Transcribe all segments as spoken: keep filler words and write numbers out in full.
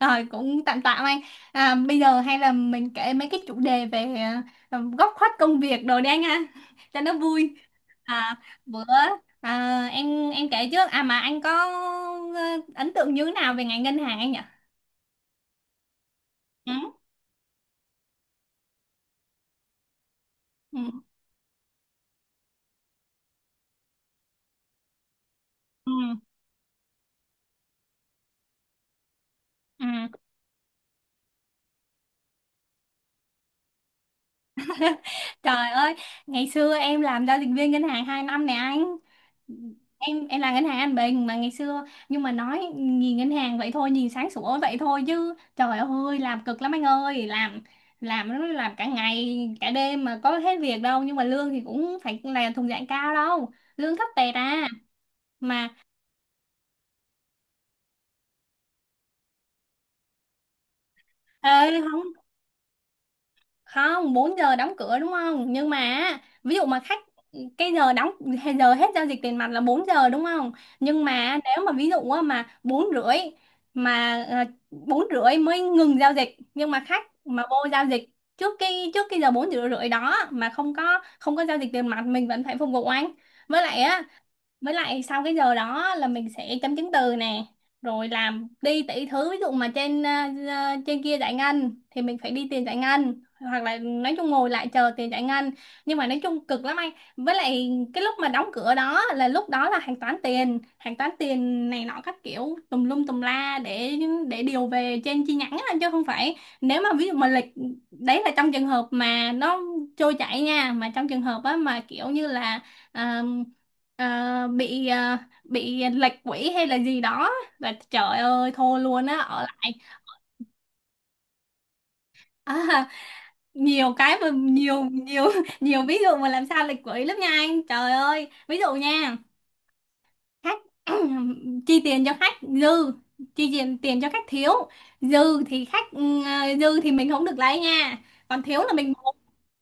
Rồi cũng tạm tạm anh. À, bây giờ hay là mình kể mấy cái chủ đề về à, góc khuất công việc đồ đi anh ha, cho nó vui. à, bữa à, em em kể trước, à mà anh có ờ, ấn tượng như thế nào về ngành ngân hàng anh nhỉ? Ừ. Ừ. Ừ. Ừ. Trời ơi, ngày xưa em làm giao dịch viên ngân hàng hai năm nè anh. Em em là ngân hàng An Bình mà ngày xưa, nhưng mà nói nhìn ngân hàng vậy thôi, nhìn sáng sủa vậy thôi, chứ trời ơi làm cực lắm anh ơi, làm làm làm cả ngày cả đêm mà có hết việc đâu, nhưng mà lương thì cũng phải là thuộc dạng cao đâu, lương thấp tẹt à. Mà ê, không không bốn giờ đóng cửa đúng không, nhưng mà á, ví dụ mà khách, cái giờ đóng hay giờ hết giao dịch tiền mặt là bốn giờ đúng không, nhưng mà nếu mà ví dụ á, mà bốn rưỡi, mà ờ, bốn rưỡi mới ngừng giao dịch, nhưng mà khách mà vô giao dịch trước cái trước cái giờ bốn rưỡi rưỡi đó mà không có không có giao dịch tiền mặt mình vẫn phải phục vụ anh. Với lại á, với lại sau cái giờ đó là mình sẽ chấm chứng từ nè, rồi làm đi tỷ thứ, ví dụ mà trên ờ, ờ, trên kia giải ngân thì mình phải đi tiền giải ngân, hoặc là nói chung ngồi lại chờ tiền giải ngân, nhưng mà nói chung cực lắm anh. Với lại cái lúc mà đóng cửa đó, là lúc đó là hàng toán tiền hàng toán tiền này nọ các kiểu tùm lum tùm la, để để điều về trên chi nhánh á, chứ không phải. Nếu mà ví dụ mà lịch, đấy là trong trường hợp mà nó trôi chảy nha, mà trong trường hợp á mà kiểu như là Ờ, bị ờ, bị lệch quỹ hay là gì đó, và trời ơi thôi luôn á, ở lại. à, Nhiều cái mà nhiều nhiều nhiều ví dụ mà làm sao lệch quỹ lắm nha anh, trời ơi ví dụ nha, khách chi tiền cho khách dư, chi tiền tiền cho khách thiếu. Dư thì khách ừ, ờ, dư thì mình không được lấy nha, còn thiếu là mình,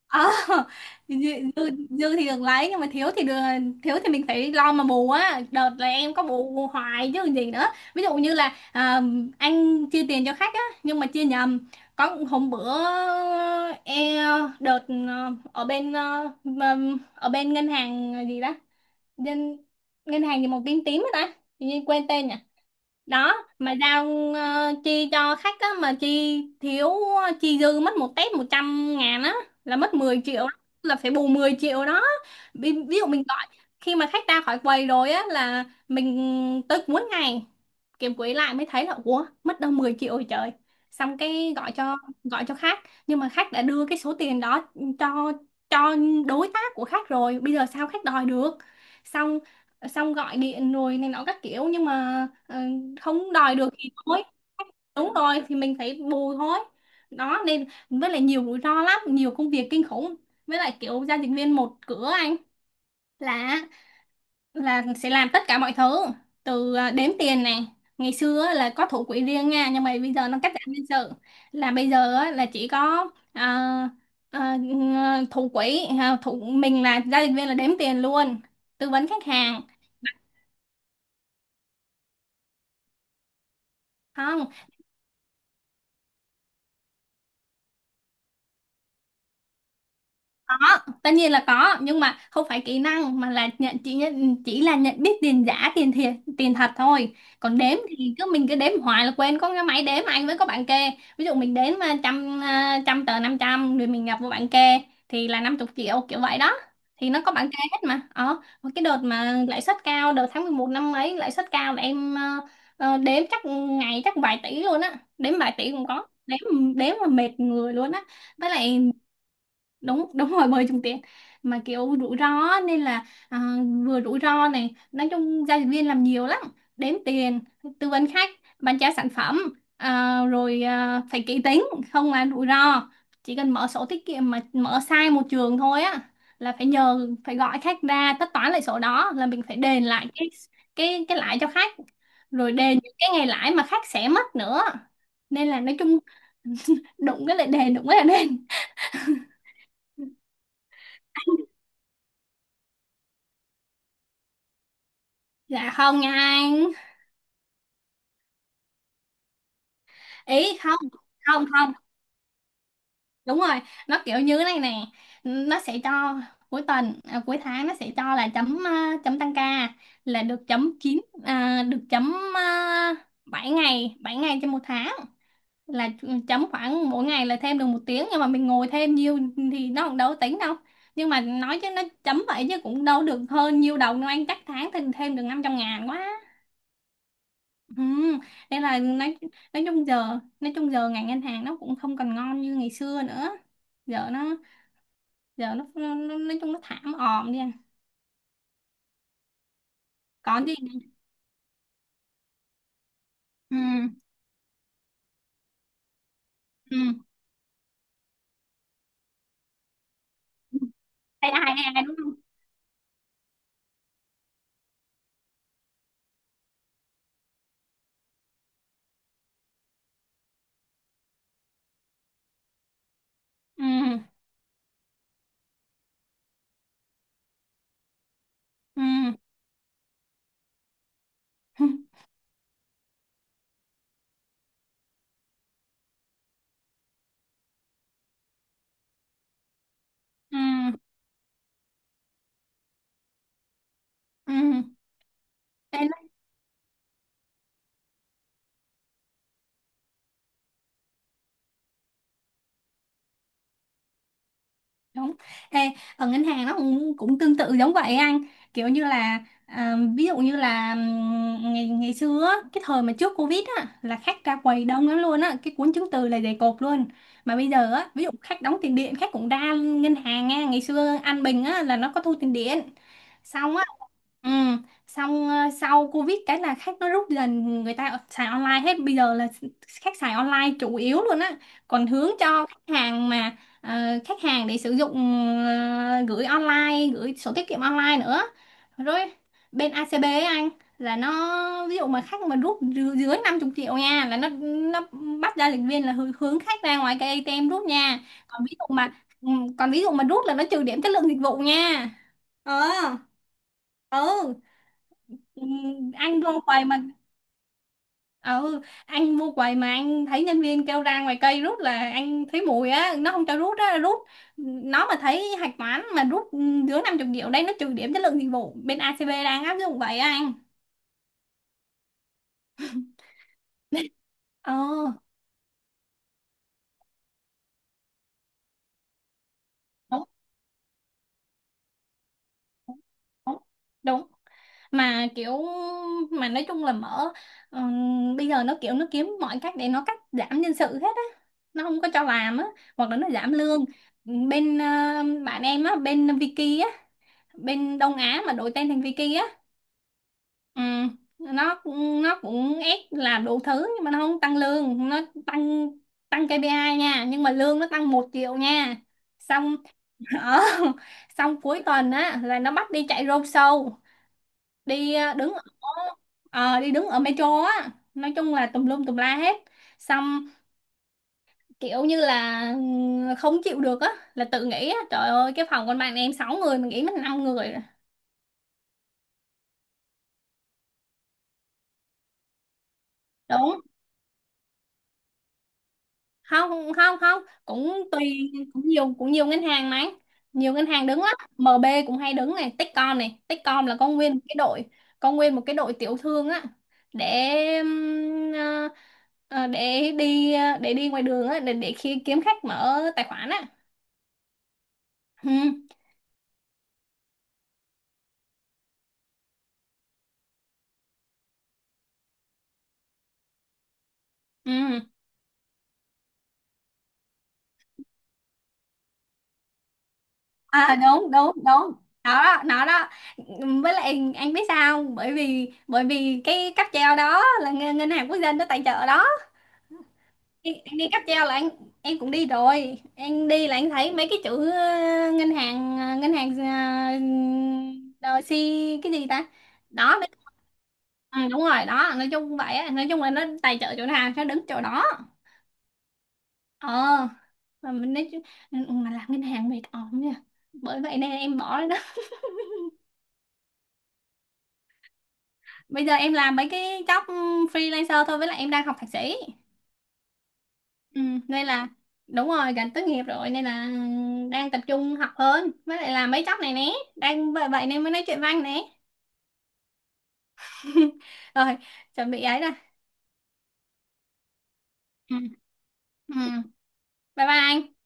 à, dư, dư dư thì đừng lấy, nhưng mà thiếu thì đừng, thiếu thì mình phải lo mà bù á, đợt là em có bù hoài chứ còn gì nữa. Ví dụ như là à, anh chia tiền cho khách á nhưng mà chia nhầm. Có hôm bữa, e, đợt ờ, ở bên ờ, mà- ở bên ngân hàng gì đó, ngân ngân hàng gì màu tím tím đó ta, tự nhiên quên tên nhỉ. Đó, mà giao ờ, chi cho khách á mà chi thiếu, ờ, chi dư mất một tép trăm ngàn á, là mất mười triệu đó. Là phải bù mười triệu đó. Ví, ví dụ mình gọi, khi mà khách ra khỏi quầy rồi á, là mình tới cuối ngày kiếm quỹ lại mới thấy là ủa mất đâu mười triệu rồi trời. Xong cái gọi cho, gọi cho khách, nhưng mà khách đã đưa cái số tiền đó cho cho đối tác của khách rồi, bây giờ sao khách đòi được. Xong Xong gọi điện rồi này nọ các kiểu, nhưng mà ờ, không đòi được thì thôi, đúng rồi thì mình phải bù thôi. Đó, nên với lại nhiều rủi ro lắm, nhiều công việc kinh khủng. Với lại kiểu giao dịch viên một cửa anh, là là sẽ làm tất cả mọi thứ, từ à, đếm tiền này. Ngày xưa á, là có thủ quỹ riêng nha, nhưng mà bây giờ nó cắt giảm nhân sự, là bây giờ á, là chỉ có à, à, à, thủ quỹ, à, thủ mình là giao dịch viên là đếm tiền luôn, tư vấn khách hàng. Không, có, tất nhiên là có, nhưng mà không phải kỹ năng, mà là nhận chỉ nhận chỉ là nhận biết tiền giả, tiền thiệt tiền thật thôi. Còn đếm thì cứ mình cứ đếm hoài là quên, có cái máy đếm anh, với có bạn kê. Ví dụ mình đếm à, trăm à, trăm tờ năm trăm rồi mình nhập vô bạn kê, thì là năm chục triệu kiểu vậy đó, thì nó có bạn kê hết. Mà ờ mà cái đợt mà lãi suất cao, đợt tháng mười một năm ấy lãi suất cao, là em ờ, ờ, đếm chắc ngày chắc vài tỷ luôn á, đếm vài tỷ cũng có đếm, đếm mà mệt người luôn á. Với lại đúng đúng rồi, bơi trúng tuyển, mà kiểu rủi ro á, nên là à, vừa rủi ro này, nói chung giao dịch viên làm nhiều lắm, đếm tiền, tư vấn khách, bán trả sản phẩm, à, rồi à, phải kỹ tính, không là rủi ro. Chỉ cần mở sổ tiết kiệm mà mở sai một trường thôi á, là phải nhờ, phải gọi khách ra tất toán lại sổ đó, là mình phải đền lại cái cái cái lãi cho khách, rồi đền những cái ngày lãi mà khách sẽ mất nữa. Nên là nói chung đụng cái lại đền, đụng cái lại đền. Dạ không nha anh. Ý không, không không đúng rồi, nó kiểu như thế này nè. Nó sẽ cho cuối tuần, à, cuối tháng nó sẽ cho là chấm, à, chấm tăng ca, là được chấm chín, à, được chấm uh, bảy ngày, bảy ngày trên một tháng, là chấm khoảng mỗi ngày là thêm được một tiếng, nhưng mà mình ngồi thêm nhiều thì nó cũng đâu có tính đâu. Nhưng mà nói chứ nó chấm vậy chứ cũng đâu được hơn nhiều đầu đâu anh, chắc tháng thì thêm được năm trăm ngàn quá. Ừ, nên là nói nói chung giờ, nói chung giờ ngành ngân hàng nó cũng không còn ngon như ngày xưa nữa. Giờ nó, giờ nó, nó, nó nói chung nó thảm òm đi à. Còn gì nữa? Ừ. Ừ. ai ai ai đúng không? Ừ. Ừ. Ừ. Ừ. Ừ. Đúng. Ê, ở ngân hàng nó cũng, cũng tương tự giống vậy anh, kiểu như là à, ví dụ như là ừm, ngày ngày xưa á, cái thời mà trước Covid á, là khách ra quầy đông lắm luôn á, cái cuốn chứng từ là dày cộp luôn. Mà bây giờ á, ví dụ khách đóng tiền điện khách cũng ra ngân hàng nha, ngày xưa An Bình á, là nó có thu tiền điện, xong, ừ, xong ờ, sau Covid cái là khách nó rút dần, người ta xài online hết, bây giờ là khách xài online chủ yếu luôn á. Còn hướng cho khách hàng mà ờ, khách hàng để sử dụng ờ, gửi online, gửi sổ tiết kiệm online nữa, rồi bên a xê bê ấy anh, là nó ví dụ mà khách mà rút dư- dưới năm mươi triệu nha, là nó nó bắt ra lịch viên là hư- hướng khách ra ngoài cái a tê em rút nha. Còn ví dụ mà ừ, còn ví dụ mà rút là nó trừ điểm chất lượng dịch vụ nha. Ờ. Ừ. Ừ. Anh vô quầy mà ờ, ừ anh vô quầy mà anh thấy nhân viên kêu ra ngoài cây rút là anh thấy mùi á, nó không cho rút á, rút, ừ, nó mà thấy hạch toán mà rút, ừ, dưới năm chục triệu đây nó trừ điểm chất lượng dịch vụ, bên a xê bê đang áp dụng vậy á anh. Ờ, đúng đúng đúng đúng. Mà kiểu, mà nói chung là mở, ừm, bây giờ nó kiểu nó kiếm mọi cách để nó cắt giảm nhân sự hết á, nó không có cho làm á, hoặc là nó giảm lương. Bên ờ, bạn em á bên Vicky, bên Đông Á mà đổi tên thành Vicky á. Ừ. Nó, nó cũng ép làm đủ thứ nhưng mà nó không tăng lương, nó tăng tăng ca pê i nha, nhưng mà lương nó tăng một triệu nha. Xong ở xong cuối tuần á là nó bắt đi chạy road show, đi ờ, đứng ở ờ, đi đứng ở metro á, nói chung là tùm lum tùm la hết. Xong kiểu như là ừ, không chịu được á, là tự nghĩ á trời ơi cái phòng con bạn em sáu người, mình nghĩ mình năm người rồi. Đúng. Không không không cũng tùy, cũng nhiều, cũng nhiều ngân hàng mà, nhiều ngân hàng đứng lắm, em bê cũng hay đứng này, Techcom này, Techcom là có nguyên một cái đội, có nguyên một cái đội tiểu thương á, để ừm, ờ, ờ, để đi ờ, để đi ngoài đường á, để để khi kiếm khách mở tài khoản á. Ừ. Ừ. À đúng đúng đúng nó đó, nó đó. Với lại anh biết sao không? Bởi vì bởi vì cái cáp treo đó là ngân ngân hàng quốc dân nó tài trợ đó. anh, anh đi cáp treo là anh em cũng đi rồi, anh đi là anh thấy mấy cái chữ ờ, ngân hàng ờ, ngân hàng uh, si, cái gì ta. Đó mấy-, ừ, đúng rồi đó, nói chung vậy á, nói chung là nó tài trợ chỗ nào nó đứng chỗ đó. Ờ, mà mình nói chứ-, ừ, ừ, mà làm ngân hàng mệt ỏm nha, bởi vậy nên em bỏ rồi đó. Bây giờ em làm mấy cái job freelancer thôi, với lại em đang học thạc sĩ. Ừ, nên là đúng rồi, gần tốt nghiệp rồi, nên là đang tập trung học hơn, với lại là mấy chóc này nè, đang vậy vậy nên mới nói chuyện với anh nè. Rồi, chuẩn bị ấy rồi. Ừ. Ừ. Bye bye anh.